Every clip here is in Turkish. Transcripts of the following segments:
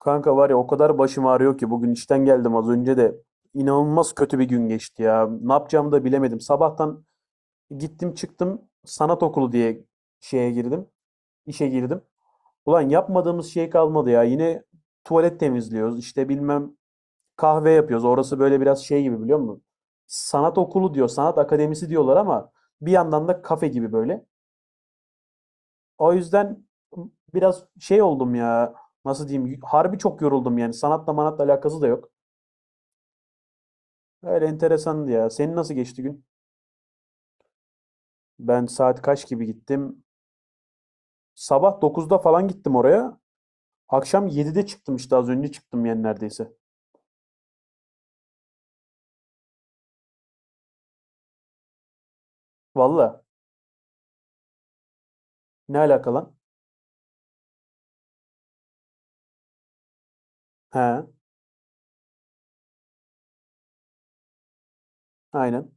Kanka var ya o kadar başım ağrıyor ki bugün işten geldim az önce de inanılmaz kötü bir gün geçti ya. Ne yapacağımı da bilemedim. Sabahtan gittim çıktım sanat okulu diye şeye girdim, işe girdim. Ulan yapmadığımız şey kalmadı ya. Yine tuvalet temizliyoruz, işte bilmem kahve yapıyoruz. Orası böyle biraz şey gibi biliyor musun? Sanat okulu diyor, sanat akademisi diyorlar ama bir yandan da kafe gibi böyle. O yüzden biraz şey oldum ya. Nasıl diyeyim? Harbi çok yoruldum yani. Sanatla manatla alakası da yok. Öyle enteresandı ya. Senin nasıl geçti gün? Ben saat kaç gibi gittim? Sabah 9'da falan gittim oraya. Akşam 7'de çıktım işte az önce çıktım yani neredeyse. Valla ne alaka lan? He, aynen.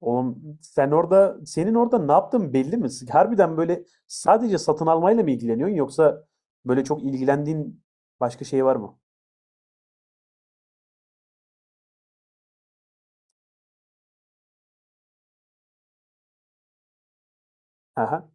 Oğlum sen orada senin orada ne yaptığın belli mi? Harbiden böyle sadece satın almayla mı ilgileniyorsun yoksa böyle çok ilgilendiğin başka şey var mı? Aha,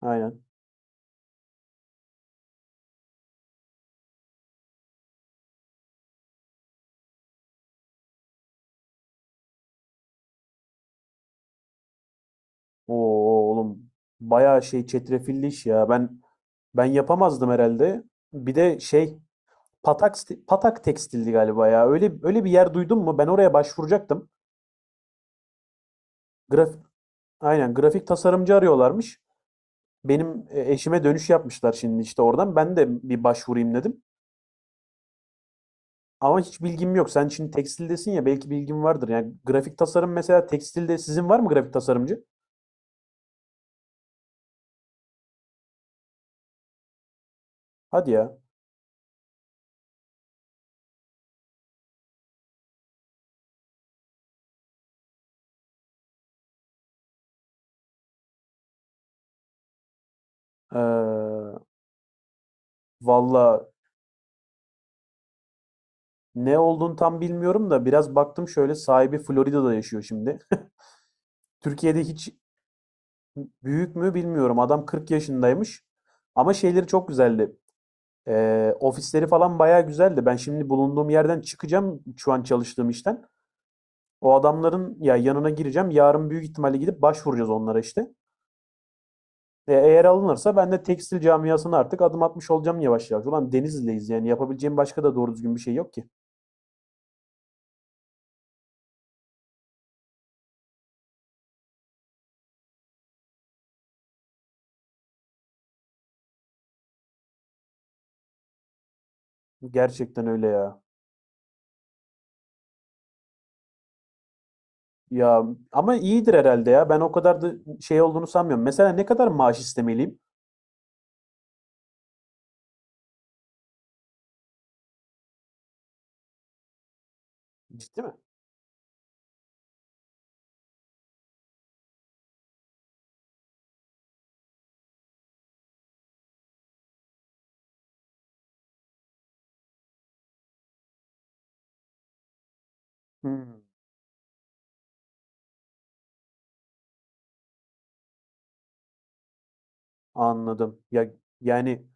aynen. Oo, oğlum bayağı şey çetrefilli iş ya. Ben yapamazdım herhalde. Bir de şey Patak Patak Tekstil'di galiba ya. Öyle öyle bir yer duydum mu? Ben oraya başvuracaktım. Grafik aynen grafik tasarımcı arıyorlarmış. Benim eşime dönüş yapmışlar şimdi işte oradan. Ben de bir başvurayım dedim. Ama hiç bilgim yok. Sen şimdi tekstildesin ya belki bilgim vardır. Yani grafik tasarım mesela tekstilde sizin var mı grafik tasarımcı? Hadi ya. Ee, Valla ne olduğunu tam bilmiyorum da biraz baktım şöyle sahibi Florida'da yaşıyor şimdi. Türkiye'de hiç Büyük mü bilmiyorum. Adam 40 yaşındaymış. Ama şeyleri çok güzeldi. Ofisleri falan bayağı güzeldi. Ben şimdi bulunduğum yerden çıkacağım şu an çalıştığım işten. O adamların ya yanına gireceğim. Yarın büyük ihtimalle gidip başvuracağız onlara işte. Eğer alınırsa ben de tekstil camiasına artık adım atmış olacağım yavaş yavaş. Ulan Denizli'deyiz yani yapabileceğim başka da doğru düzgün bir şey yok ki. Gerçekten öyle ya. Ya ama iyidir herhalde ya. Ben o kadar da şey olduğunu sanmıyorum. Mesela ne kadar maaş istemeliyim? Ciddi mi? Hmm. Anladım. Ya, yani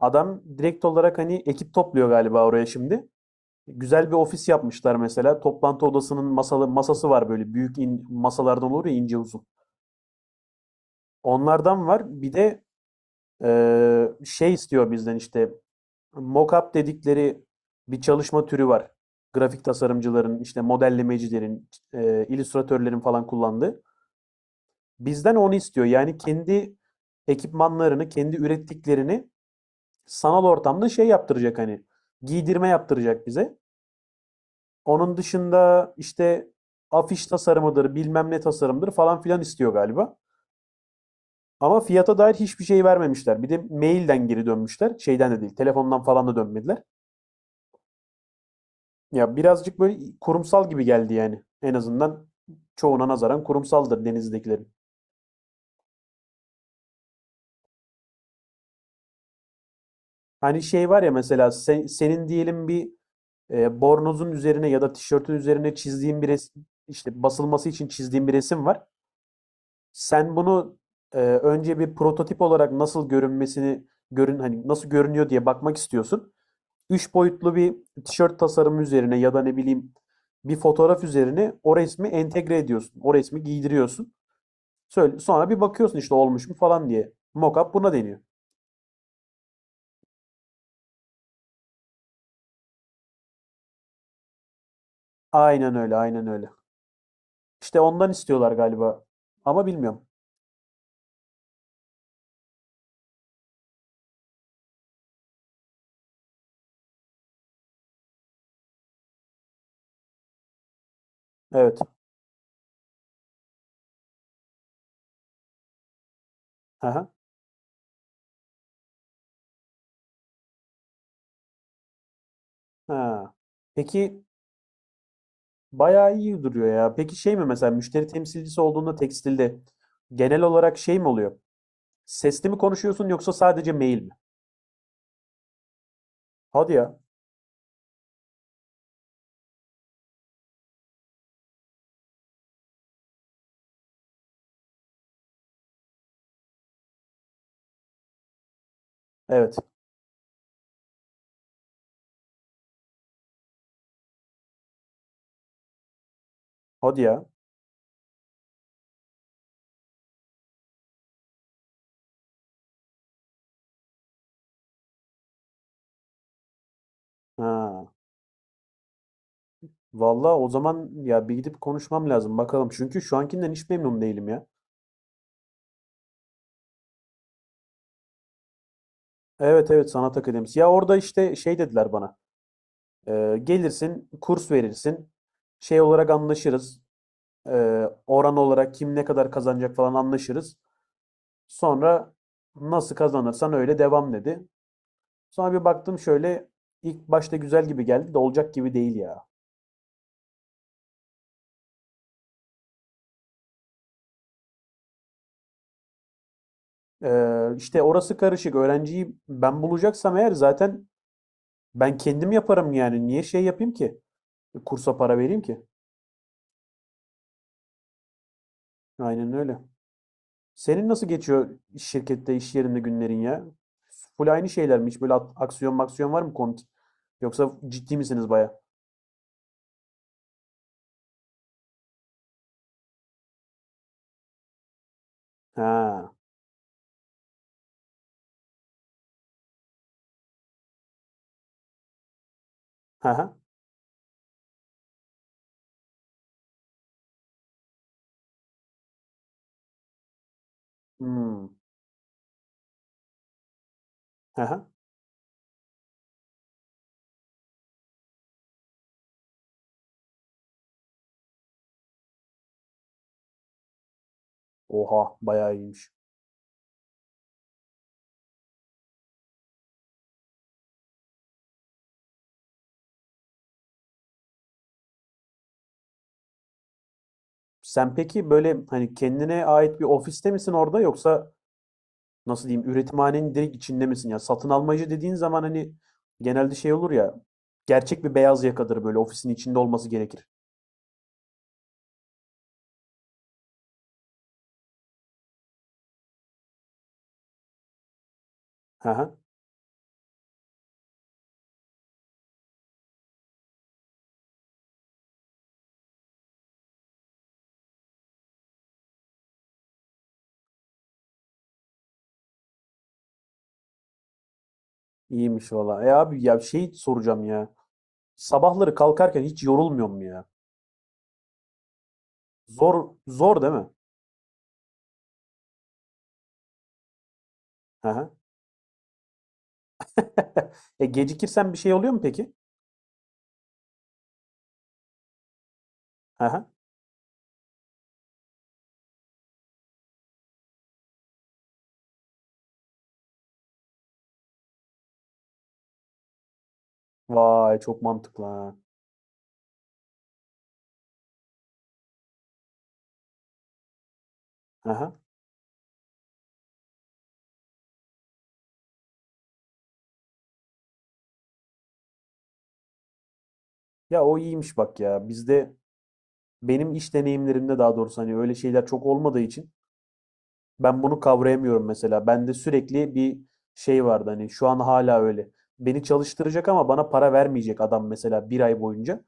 adam direkt olarak hani ekip topluyor galiba oraya şimdi. Güzel bir ofis yapmışlar mesela. Toplantı odasının masalı, masası var böyle büyük masalardan olur ya ince uzun. Onlardan var. Bir de şey istiyor bizden işte mockup dedikleri bir çalışma türü var. Grafik tasarımcıların, işte modellemecilerin, illüstratörlerin falan kullandığı. Bizden onu istiyor. Yani kendi ekipmanlarını, kendi ürettiklerini sanal ortamda şey yaptıracak hani giydirme yaptıracak bize. Onun dışında işte afiş tasarımıdır, bilmem ne tasarımdır falan filan istiyor galiba. Ama fiyata dair hiçbir şey vermemişler. Bir de mailden geri dönmüşler. Şeyden de değil, telefondan falan da dönmediler. Ya birazcık böyle kurumsal gibi geldi yani. En azından çoğuna nazaran kurumsaldır denizdekilerin. Hani şey var ya mesela senin diyelim bir bornozun üzerine ya da tişörtün üzerine çizdiğin bir resim, işte basılması için çizdiğin bir resim var. Sen bunu önce bir prototip olarak nasıl görünmesini görün hani nasıl görünüyor diye bakmak istiyorsun. Üç boyutlu bir tişört tasarımı üzerine ya da ne bileyim bir fotoğraf üzerine o resmi entegre ediyorsun. O resmi giydiriyorsun. Söyle, sonra bir bakıyorsun işte olmuş mu falan diye. Mockup buna deniyor. Aynen öyle, aynen öyle. İşte ondan istiyorlar galiba. Ama bilmiyorum. Evet. Aha. Ha. Peki, bayağı iyi duruyor ya. Peki şey mi mesela müşteri temsilcisi olduğunda tekstilde genel olarak şey mi oluyor? Sesli mi konuşuyorsun yoksa sadece mail mi? Hadi ya. Evet. Hadi ya. Ha. Vallahi o zaman ya bir gidip konuşmam lazım bakalım. Çünkü şu ankinden hiç memnun değilim ya. Evet, evet, sanat akademisi. Ya orada işte şey dediler bana. Gelirsin kurs verirsin. Şey olarak anlaşırız. Oran olarak kim ne kadar kazanacak falan anlaşırız. Sonra nasıl kazanırsan öyle devam dedi. Sonra bir baktım şöyle ilk başta güzel gibi geldi de olacak gibi değil ya. İşte orası karışık. Öğrenciyi ben bulacaksam eğer zaten ben kendim yaparım yani. Niye şey yapayım ki? Kursa para vereyim ki. Aynen öyle. Senin nasıl geçiyor iş şirkette, iş yerinde günlerin ya? Full aynı şeyler mi? Hiç böyle aksiyon maksiyon var mı komik? Yoksa ciddi misiniz baya? Ha. Ha ha. Hmm. Ha ha. Oha, bayağı iyiymiş. Sen peki böyle hani kendine ait bir ofiste misin orada yoksa nasıl diyeyim üretimhanenin direkt içinde misin ya? Satın almacı dediğin zaman hani genelde şey olur ya gerçek bir beyaz yakadır böyle ofisin içinde olması gerekir. Hı hı. İyiymiş valla. E abi ya şey soracağım ya. Sabahları kalkarken hiç yorulmuyor mu ya? Zor, zor değil mi? Hı hı. E gecikirsen bir şey oluyor mu peki? Hı hı. Vay, çok mantıklı ha. Hı hı. Ya o iyiymiş bak ya. Bizde benim iş deneyimlerimde daha doğrusu hani öyle şeyler çok olmadığı için ben bunu kavrayamıyorum mesela. Bende sürekli bir şey vardı hani şu an hala öyle. Beni çalıştıracak ama bana para vermeyecek adam mesela bir ay boyunca.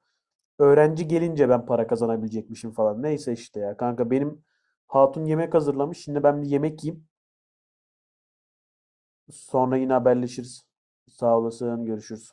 Öğrenci gelince ben para kazanabilecekmişim falan. Neyse işte ya kanka benim hatun yemek hazırlamış. Şimdi ben bir yemek yiyeyim. Sonra yine haberleşiriz. Sağ olasın, görüşürüz.